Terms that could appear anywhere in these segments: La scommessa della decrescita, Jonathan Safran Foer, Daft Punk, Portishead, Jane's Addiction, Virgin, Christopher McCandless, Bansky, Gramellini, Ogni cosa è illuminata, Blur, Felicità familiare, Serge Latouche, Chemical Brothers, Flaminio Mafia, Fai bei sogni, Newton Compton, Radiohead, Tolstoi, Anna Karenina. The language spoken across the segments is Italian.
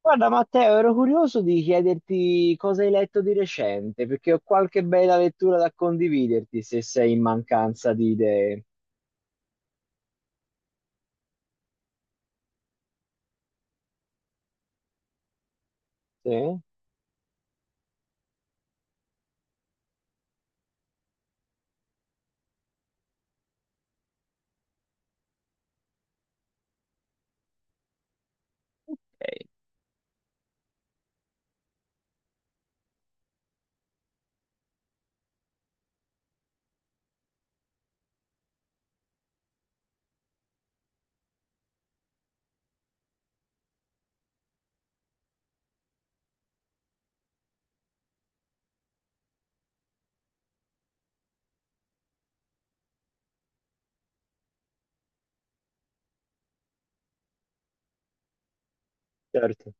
Guarda Matteo, ero curioso di chiederti cosa hai letto di recente, perché ho qualche bella lettura da condividerti se sei in mancanza di idee. Sì? Certo.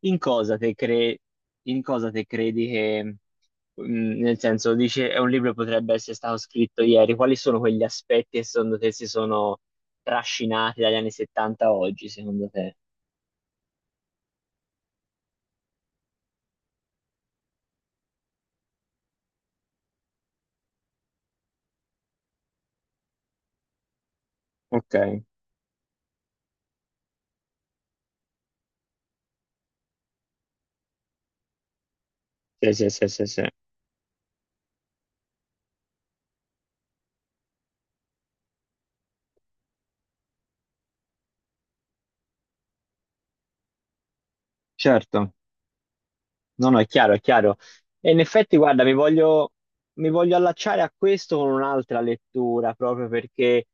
In cosa te cre- in cosa te credi che, mm, Nel senso, dice, è un libro che potrebbe essere stato scritto ieri, quali sono quegli aspetti che secondo te si sono trascinati dagli anni 70 a oggi, secondo te? Ok, sì, sì, sì, sì, sì. Certo. No, no, è chiaro, è chiaro. E in effetti, guarda, mi voglio allacciare a questo con un'altra lettura, proprio perché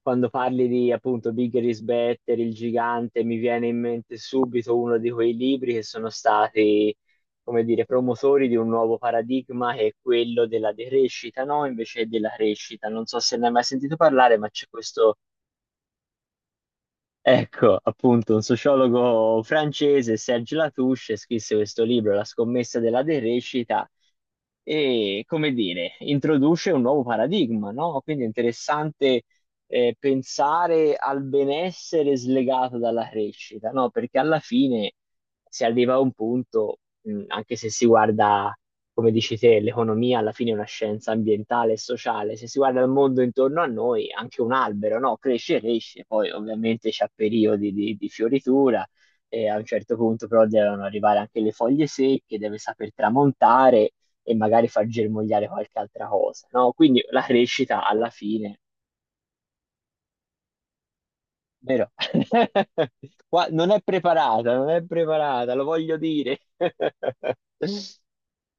quando parli di appunto Bigger is Better, il gigante, mi viene in mente subito uno di quei libri che sono stati, come dire, promotori di un nuovo paradigma che è quello della decrescita, no? Invece della crescita. Non so se ne hai mai sentito parlare, ma c'è questo. Ecco, appunto, un sociologo francese, Serge Latouche, scrisse questo libro, La scommessa della derecita, e, come dire, introduce un nuovo paradigma, no? Quindi è interessante pensare al benessere slegato dalla crescita, no? Perché alla fine si arriva a un punto, anche se si guarda come dici te, l'economia alla fine è una scienza ambientale e sociale. Se si guarda il mondo intorno a noi, anche un albero, no? Cresce, cresce, poi ovviamente c'ha periodi di fioritura e a un certo punto però devono arrivare anche le foglie secche, deve saper tramontare e magari far germogliare qualche altra cosa, no? Quindi la crescita alla fine, vero? Qua non è preparata, non è preparata, lo voglio dire.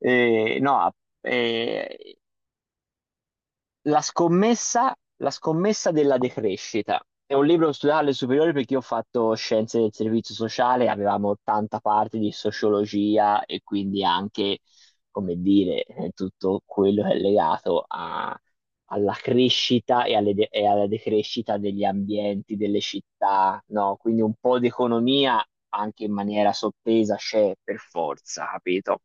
No, eh, la scommessa della decrescita. È un libro che ho studiato alle superiori perché io ho fatto scienze del servizio sociale, avevamo tanta parte di sociologia e quindi anche, come dire, tutto quello che è legato alla crescita e, e alla decrescita degli ambienti, delle città, no? Quindi un po' di economia anche in maniera sottesa c'è per forza, capito?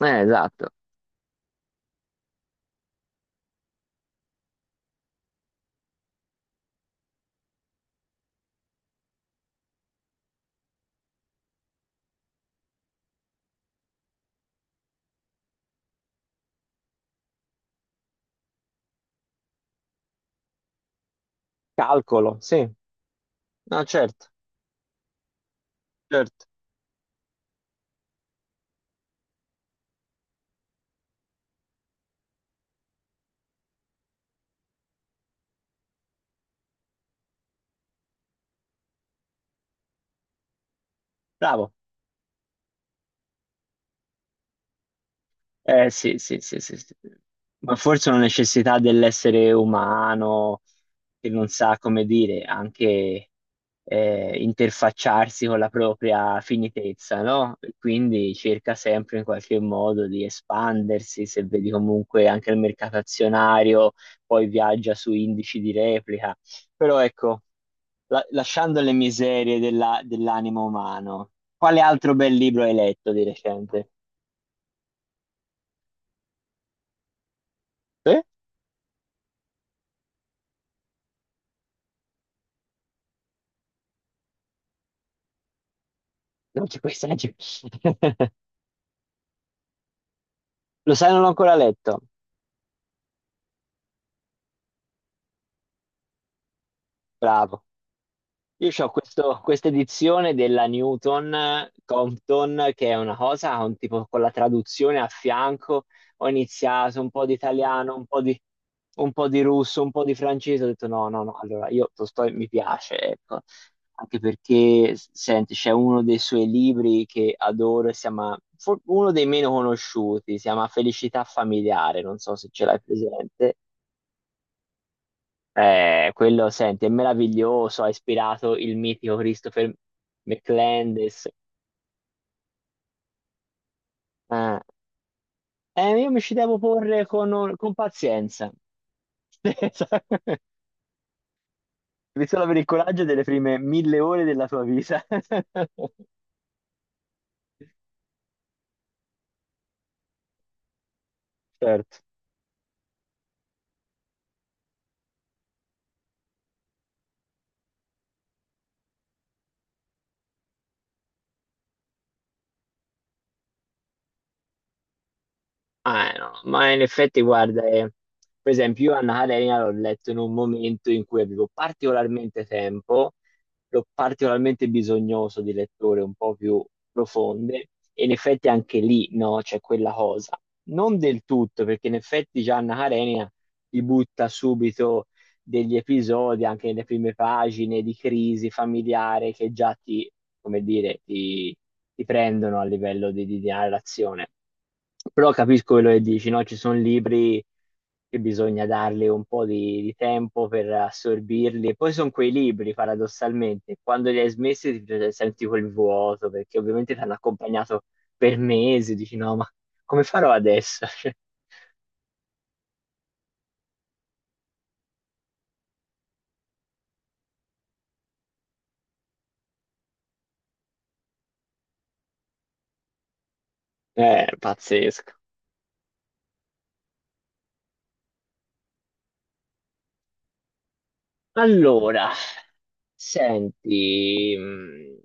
Esatto. Calcolo, sì. No, certo, certo. Bravo. Eh sì, sì, sì, sì, sì. Ma forse una necessità dell'essere umano che non sa come dire, anche interfacciarsi con la propria finitezza, no? E quindi cerca sempre in qualche modo di espandersi, se vedi comunque anche il mercato azionario, poi viaggia su indici di replica. Però ecco, lasciando le miserie dell'animo umano, quale altro bel libro hai letto di recente? Non c'è questa legge. Lo sai, non l'ho ancora letto. Bravo. Io ho questo, questa edizione della Newton Compton, che è una cosa, un tipo con la traduzione a fianco. Ho iniziato un po' di italiano, un po' di russo, un po' di francese. Ho detto no, no, no. Allora, io Tolstoi mi piace, ecco. Anche perché, senti, c'è uno dei suoi libri che adoro, uno dei meno conosciuti, si chiama Felicità familiare, non so se ce l'hai presente. Quello, senti, è meraviglioso, ha ispirato il mitico Christopher McCandless. Ah. Io mi ci devo porre con pazienza. Devi solo avere il coraggio delle prime mille ore della tua vita. Certo. Ah, no, Ma in effetti, guarda, per esempio, io Anna Karenina l'ho letto in un momento in cui avevo particolarmente tempo, ero particolarmente bisognoso di letture un po' più profonde, e in effetti anche lì, no, c'è quella cosa. Non del tutto, perché in effetti già Anna Karenina ti butta subito degli episodi, anche nelle prime pagine di crisi familiare che già ti, come dire, ti prendono a livello di, di narrazione. Però capisco quello che dici, no? Ci sono libri che bisogna dargli un po' di tempo per assorbirli. E poi sono quei libri, paradossalmente, quando li hai smessi ti senti quel vuoto, perché ovviamente ti hanno accompagnato per mesi, dici no, ma come farò adesso? Cioè, è pazzesco. Allora, senti,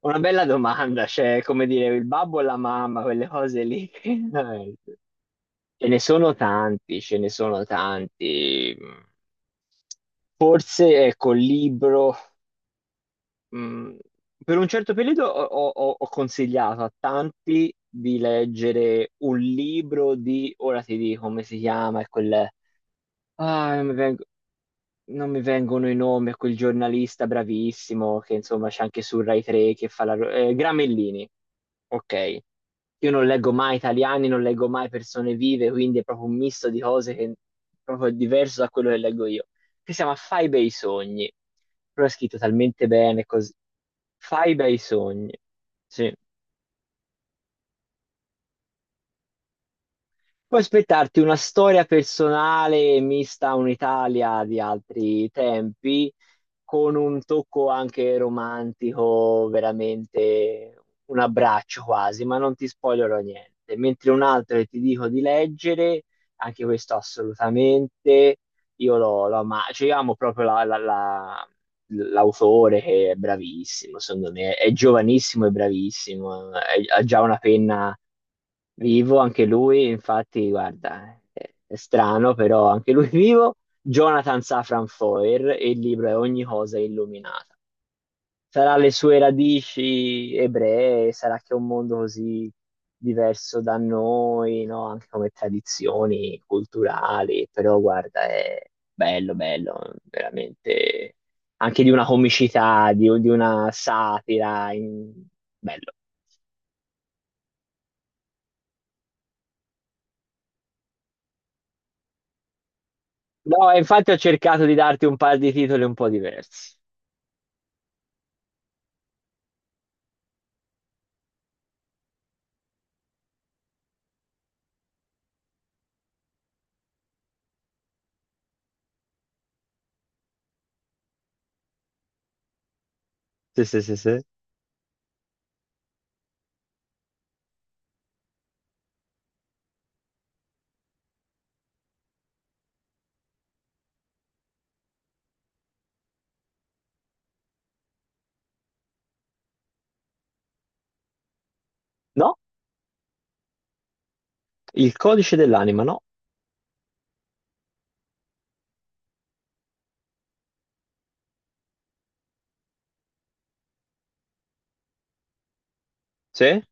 una bella domanda, cioè, come dire, il babbo e la mamma, quelle cose lì, veramente. Ce ne sono tanti, ce ne sono tanti. Forse, ecco, il libro, mh, per un certo periodo ho consigliato a tanti di leggere un libro di, ora ti dico come si chiama, è quel, non mi vengono i nomi, a quel giornalista bravissimo che insomma c'è anche su Rai 3 che fa Gramellini, ok. Io non leggo mai italiani, non leggo mai persone vive, quindi è proprio un misto di cose che proprio è proprio diverso da quello che leggo io. Che si chiama Fai bei sogni, però è scritto talmente bene così. Fai bei sogni, sì. Puoi aspettarti una storia personale mista a un'Italia di altri tempi, con un tocco anche romantico, veramente un abbraccio quasi, ma non ti spoilerò niente. Mentre un altro che ti dico di leggere, anche questo assolutamente, io lo, lo ama- cioè, io amo proprio l'autore che è bravissimo, secondo me, è giovanissimo e bravissimo, ha già una penna vivo, anche lui, infatti, guarda, è strano, però anche lui vivo. Jonathan Safran Foer e il libro è Ogni cosa è illuminata. Sarà le sue radici ebree, sarà che è un mondo così diverso da noi, no? Anche come tradizioni culturali, però guarda, è bello, bello, veramente anche di una comicità, di una satira, bello. No, e infatti ho cercato di darti un paio di titoli un po' diversi. Sì, sì, sì, sì. No, il codice dell'anima, no? Sì,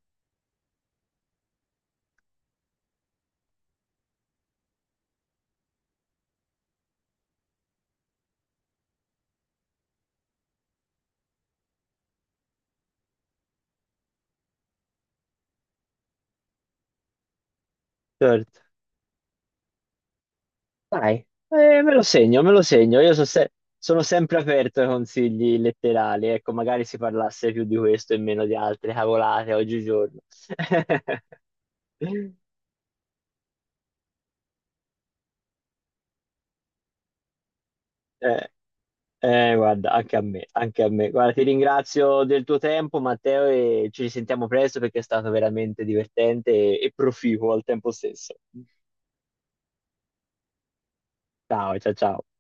certo. Dai, me lo segno, me lo segno. Io so se- Sono sempre aperto ai consigli letterali. Ecco, magari si parlasse più di questo e meno di altre cavolate oggigiorno. Eh, Guarda, anche a me, anche a me. Guarda, ti ringrazio del tuo tempo, Matteo, e ci risentiamo presto perché è stato veramente divertente e proficuo al tempo stesso. Ciao, ciao, ciao.